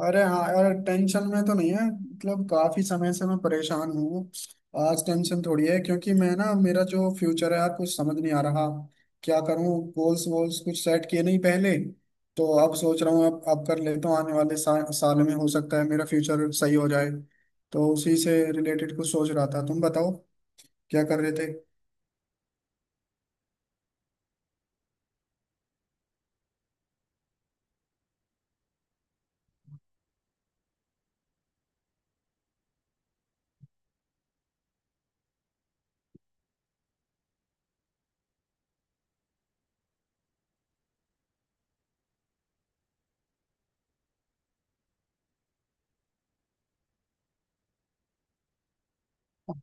अरे हाँ यार टेंशन में तो नहीं है। मतलब काफी समय से मैं परेशान हूँ। आज टेंशन थोड़ी है क्योंकि मैं ना मेरा जो फ्यूचर है यार कुछ समझ नहीं आ रहा। क्या करूँ, गोल्स वोल्स कुछ सेट किए नहीं पहले। तो अब सोच रहा हूँ, अब कर लेता हूँ। आने वाले साल में हो सकता है मेरा फ्यूचर सही हो जाए। तो उसी से रिलेटेड कुछ सोच रहा था। तुम बताओ क्या कर रहे थे।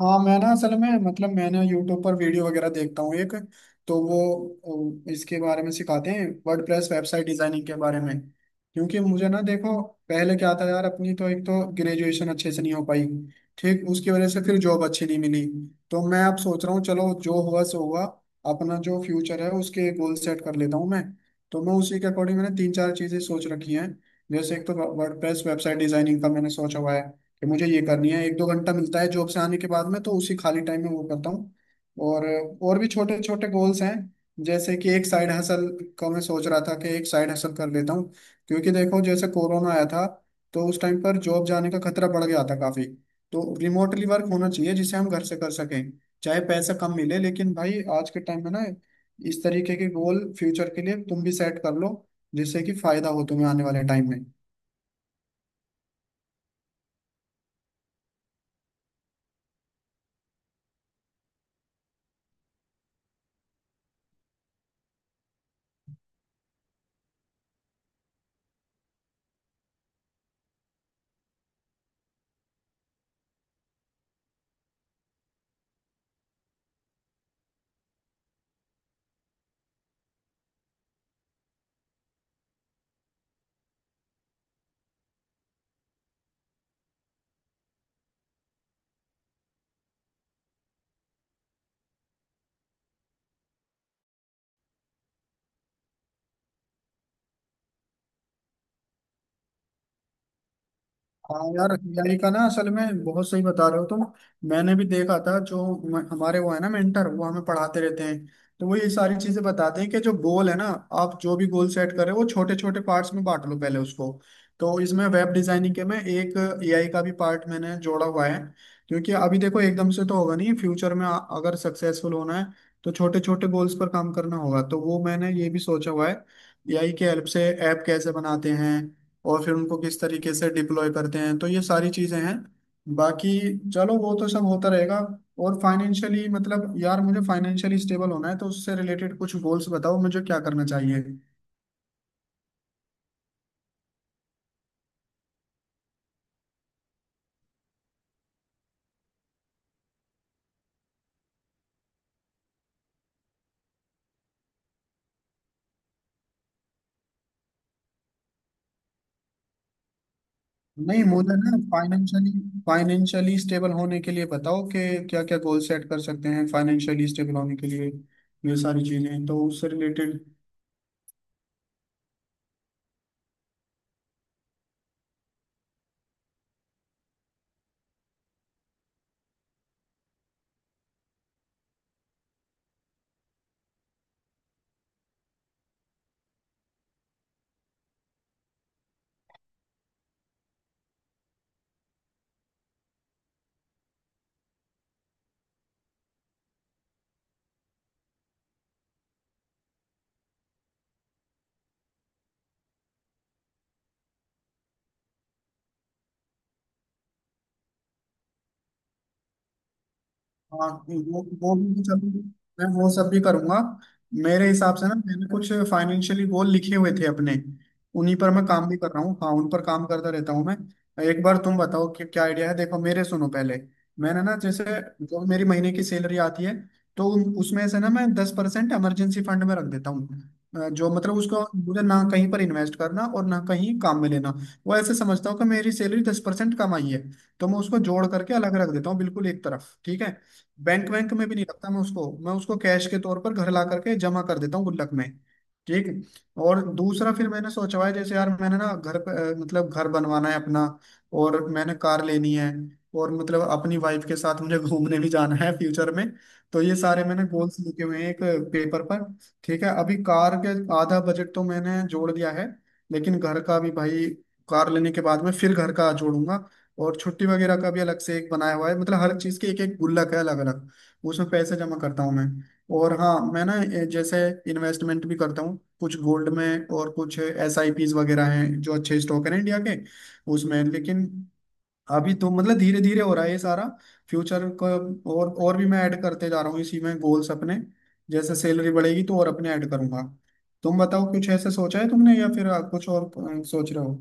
हाँ, मैं ना असल में मतलब मैंने यूट्यूब पर वीडियो वगैरह देखता हूँ एक, तो वो इसके बारे में सिखाते हैं, वर्डप्रेस वेबसाइट डिजाइनिंग के बारे में। क्योंकि मुझे ना देखो, पहले क्या था यार, अपनी तो एक तो ग्रेजुएशन अच्छे से नहीं हो पाई। ठीक, उसकी वजह से फिर जॉब अच्छी नहीं मिली। तो मैं अब सोच रहा हूँ चलो जो हुआ सो हुआ। अपना जो फ्यूचर है उसके गोल सेट कर लेता हूँ मैं। तो मैं उसी के अकॉर्डिंग मैंने तीन चार चीजें सोच रखी हैं। जैसे एक तो वर्डप्रेस वेबसाइट डिजाइनिंग का मैंने सोचा हुआ है कि मुझे ये करनी है। एक दो घंटा मिलता है जॉब से आने के बाद में, तो उसी खाली टाइम में वो करता हूँ। और और भी छोटे छोटे गोल्स हैं। जैसे कि एक साइड हसल का मैं सोच रहा था कि एक साइड हसल कर लेता हूँ। क्योंकि देखो जैसे कोरोना आया था, तो उस टाइम पर जॉब जाने का खतरा बढ़ गया था काफी। तो रिमोटली वर्क होना चाहिए जिसे हम घर से कर सकें। चाहे पैसा कम मिले, लेकिन भाई आज के टाइम में ना, इस तरीके के गोल फ्यूचर के लिए तुम भी सेट कर लो, जिससे कि फायदा हो तुम्हें आने वाले टाइम में। हाँ यार, हमारी का ना असल में बहुत सही बता रहे हो तुम। मैंने भी देखा था, जो हमारे वो है ना मेंटर, वो हमें पढ़ाते रहते हैं। तो वो ये सारी चीजें बताते हैं कि जो गोल है ना, आप जो भी गोल सेट करें वो छोटे छोटे पार्ट्स में बांट लो पहले उसको। तो इसमें वेब डिजाइनिंग के में एक एआई का भी पार्ट मैंने जोड़ा हुआ है। क्योंकि अभी देखो एकदम से तो होगा नहीं, फ्यूचर में अगर सक्सेसफुल होना है तो छोटे छोटे गोल्स पर काम करना होगा। तो वो मैंने ये भी सोचा हुआ है एआई के हेल्प से ऐप कैसे बनाते हैं और फिर उनको किस तरीके से डिप्लॉय करते हैं। तो ये सारी चीजें हैं। बाकी चलो वो तो सब होता रहेगा। और फाइनेंशियली, मतलब यार मुझे फाइनेंशियली स्टेबल होना है, तो उससे रिलेटेड कुछ गोल्स बताओ मुझे, क्या करना चाहिए। नहीं मुझे ना फाइनेंशियली फाइनेंशियली स्टेबल होने के लिए बताओ कि क्या क्या गोल सेट कर सकते हैं फाइनेंशियली स्टेबल होने के लिए, ये सारी चीजें तो उससे रिलेटेड। हाँ, वो भी सब, मैं वो सब भी करूंगा। मेरे हिसाब से ना मैंने कुछ फाइनेंशियली गोल लिखे हुए थे अपने, उन्हीं पर मैं काम भी कर रहा हूँ। हाँ, उन पर काम करता रहता हूँ मैं। एक बार तुम बताओ कि क्या आइडिया है, देखो मेरे, सुनो पहले। मैंने ना जैसे जो मेरी महीने की सैलरी आती है, तो उसमें से ना मैं 10% इमरजेंसी फंड में रख देता हूँ। जो मतलब उसको मुझे ना कहीं पर इन्वेस्ट करना और ना कहीं काम में लेना। वो ऐसे समझता हूँ कि मेरी सैलरी 10% कम आई है। तो मैं उसको जोड़ करके अलग रख देता हूँ, बिल्कुल एक तरफ। ठीक है। बैंक बैंक में भी नहीं रखता मैं उसको कैश के तौर पर घर ला करके जमा कर देता हूँ गुल्लक में। ठीक। और दूसरा फिर मैंने सोचा हुआ है, जैसे यार मैंने ना मतलब घर बनवाना है अपना, और मैंने कार लेनी है, और मतलब अपनी वाइफ के साथ मुझे घूमने भी जाना है फ्यूचर में। तो ये सारे मैंने गोल्स लिखे हुए हैं एक पेपर पर। ठीक है। अभी कार के आधा बजट तो मैंने जोड़ दिया है, लेकिन घर का भी भाई कार लेने के बाद में फिर घर का जोड़ूंगा। और छुट्टी वगैरह का भी अलग से एक बनाया हुआ है। मतलब हर चीज़ के एक एक गुल्लक है अलग अलग, उसमें पैसे जमा करता हूँ मैं। और हाँ, मैं ना जैसे इन्वेस्टमेंट भी करता हूँ, कुछ गोल्ड में और कुछ SIPs वगैरह हैं जो अच्छे स्टॉक हैं इंडिया के, उसमें। लेकिन अभी तो मतलब धीरे धीरे हो रहा है ये सारा, फ्यूचर को। और भी मैं ऐड करते जा रहा हूँ इसी में गोल्स अपने। जैसे सैलरी बढ़ेगी तो और अपने ऐड करूंगा। तुम बताओ कुछ ऐसे सोचा है तुमने, या फिर कुछ और सोच रहे हो।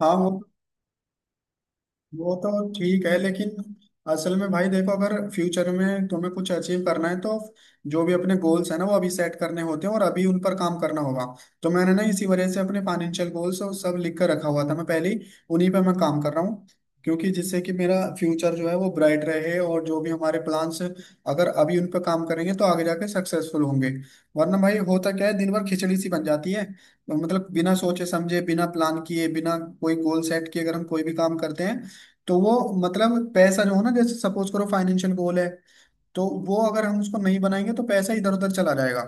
हाँ, वो तो ठीक है लेकिन असल में भाई देखो, अगर फ्यूचर में तुम्हें कुछ अचीव करना है, तो जो भी अपने गोल्स है ना वो अभी सेट करने होते हैं और अभी उन पर काम करना होगा। तो मैंने ना इसी वजह से अपने फाइनेंशियल गोल्स और सब लिख कर रखा हुआ था मैं पहले ही, उन्हीं पर मैं काम कर रहा हूँ। क्योंकि जिससे कि मेरा फ्यूचर जो है वो ब्राइट रहे, और जो भी हमारे प्लान्स अगर अभी उन पर काम करेंगे तो आगे जाके सक्सेसफुल होंगे। वरना भाई होता क्या है दिन भर खिचड़ी सी बन जाती है। मतलब बिना सोचे समझे, बिना प्लान किए, बिना कोई गोल सेट किए अगर हम कोई भी काम करते हैं तो वो, मतलब पैसा जो है ना, जैसे सपोज करो फाइनेंशियल गोल है, तो वो अगर हम उसको नहीं बनाएंगे तो पैसा इधर उधर चला जाएगा,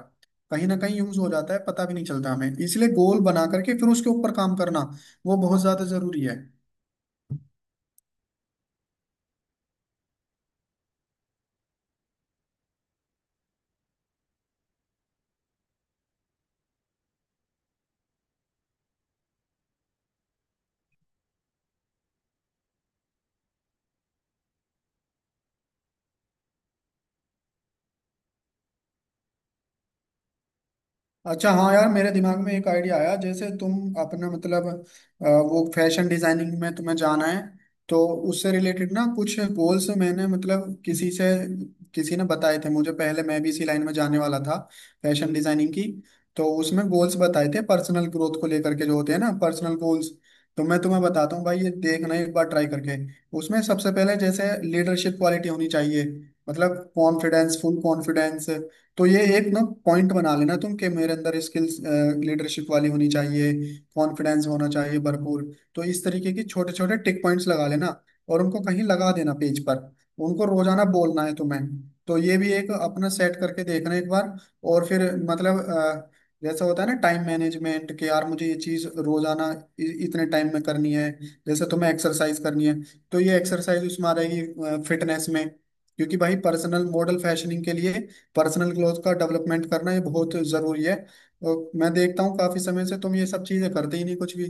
कहीं ना कहीं यूज हो जाता है, पता भी नहीं चलता हमें। इसलिए गोल बना करके फिर उसके ऊपर काम करना वो बहुत ज्यादा जरूरी है। अच्छा हाँ यार, मेरे दिमाग में एक आइडिया आया। जैसे तुम अपना मतलब वो फैशन डिजाइनिंग में तुम्हें जाना है, तो उससे रिलेटेड ना कुछ गोल्स मैंने मतलब किसी ने बताए थे मुझे पहले, मैं भी इसी लाइन में जाने वाला था, फैशन डिजाइनिंग की। तो उसमें गोल्स बताए थे पर्सनल ग्रोथ को लेकर के, जो होते हैं ना पर्सनल गोल्स, तो मैं तुम्हें बताता हूँ भाई, ये देखना एक बार ट्राई करके। उसमें सबसे पहले जैसे लीडरशिप क्वालिटी होनी चाहिए, मतलब कॉन्फिडेंस, फुल कॉन्फिडेंस। तो ये एक ना पॉइंट बना लेना तुम कि मेरे अंदर स्किल्स लीडरशिप वाली होनी चाहिए, कॉन्फिडेंस होना चाहिए भरपूर। तो इस तरीके की छोटे छोटे टिक पॉइंट्स लगा लेना और उनको कहीं लगा देना पेज पर, उनको रोजाना बोलना है तुम्हें। तो ये भी एक अपना सेट करके देखना एक बार। और फिर मतलब जैसा होता है ना टाइम मैनेजमेंट, कि यार मुझे ये चीज रोजाना इतने टाइम में करनी है। जैसे तुम्हें एक्सरसाइज करनी है, तो ये एक्सरसाइज उसमें आ रहेगी फिटनेस में। क्योंकि भाई पर्सनल मॉडल फैशनिंग के लिए पर्सनल ग्रोथ का डेवलपमेंट करना ये बहुत जरूरी है। और मैं देखता हूँ काफी समय से तुम ये सब चीजें करते ही नहीं कुछ भी।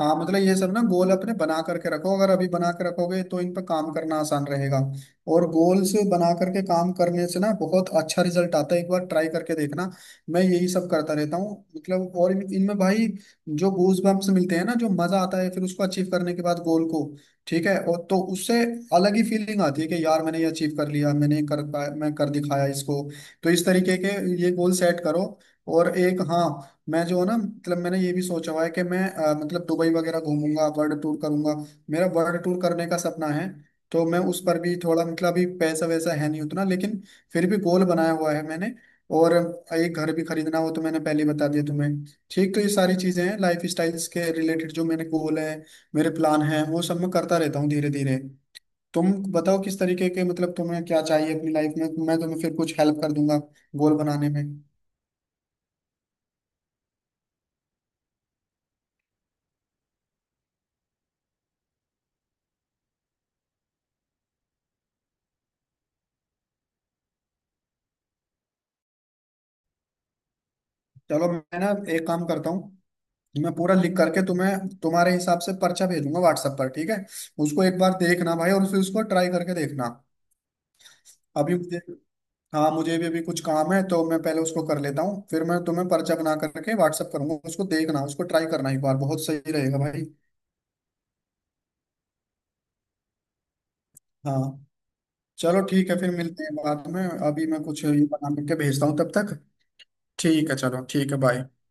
हाँ मतलब ये सब ना गोल अपने बना करके रखो, अगर अभी बना के रखोगे तो इन पर काम करना आसान रहेगा। और गोल्स बना करके काम करने से ना बहुत अच्छा रिजल्ट आता है, एक बार ट्राई करके देखना। मैं यही सब करता रहता हूँ मतलब। और इनमें भाई जो गूज बम्प्स मिलते हैं ना, जो मजा आता है फिर उसको अचीव करने के बाद गोल को, ठीक है, और तो उससे अलग ही फीलिंग आती है कि यार मैंने ये अचीव कर लिया, मैंने कर पाया, मैं कर दिखाया इसको। तो इस तरीके के ये गोल सेट करो। और एक हाँ, मैं जो है ना मतलब मैंने ये भी सोचा हुआ है कि मैं मतलब दुबई वगैरह घूमूंगा, वर्ल्ड टूर करूंगा। मेरा वर्ल्ड टूर करने का सपना है। तो मैं उस पर भी थोड़ा मतलब अभी पैसा वैसा है नहीं उतना, लेकिन फिर भी गोल बनाया हुआ है मैंने। और एक घर भी खरीदना हो, तो मैंने पहले ही बता दिया तुम्हें। ठीक, तो ये सारी चीजें हैं लाइफ स्टाइल्स के रिलेटेड, जो मेरे गोल है मेरे प्लान हैं वो सब मैं करता रहता हूँ धीरे धीरे। तुम बताओ किस तरीके के, मतलब तुम्हें क्या चाहिए अपनी लाइफ में, मैं तुम्हें फिर कुछ हेल्प कर दूंगा गोल बनाने में। चलो मैं ना एक काम करता हूँ, मैं पूरा लिख करके तुम्हें तुम्हारे हिसाब से पर्चा भेजूंगा व्हाट्सएप पर, ठीक है। उसको एक बार देखना भाई, और फिर उसको ट्राई करके देखना। अभी मुझे हाँ, मुझे भी अभी कुछ काम है, तो मैं पहले उसको कर लेता हूँ, फिर मैं तुम्हें पर्चा बना करके व्हाट्सएप करूंगा, उसको देखना, उसको ट्राई करना एक बार, बहुत सही रहेगा भाई। हाँ, चलो ठीक है, फिर मिलते हैं बाद में। अभी मैं कुछ ये बना करके भेजता हूँ तब तक। ठीक है, चलो ठीक है, बाय।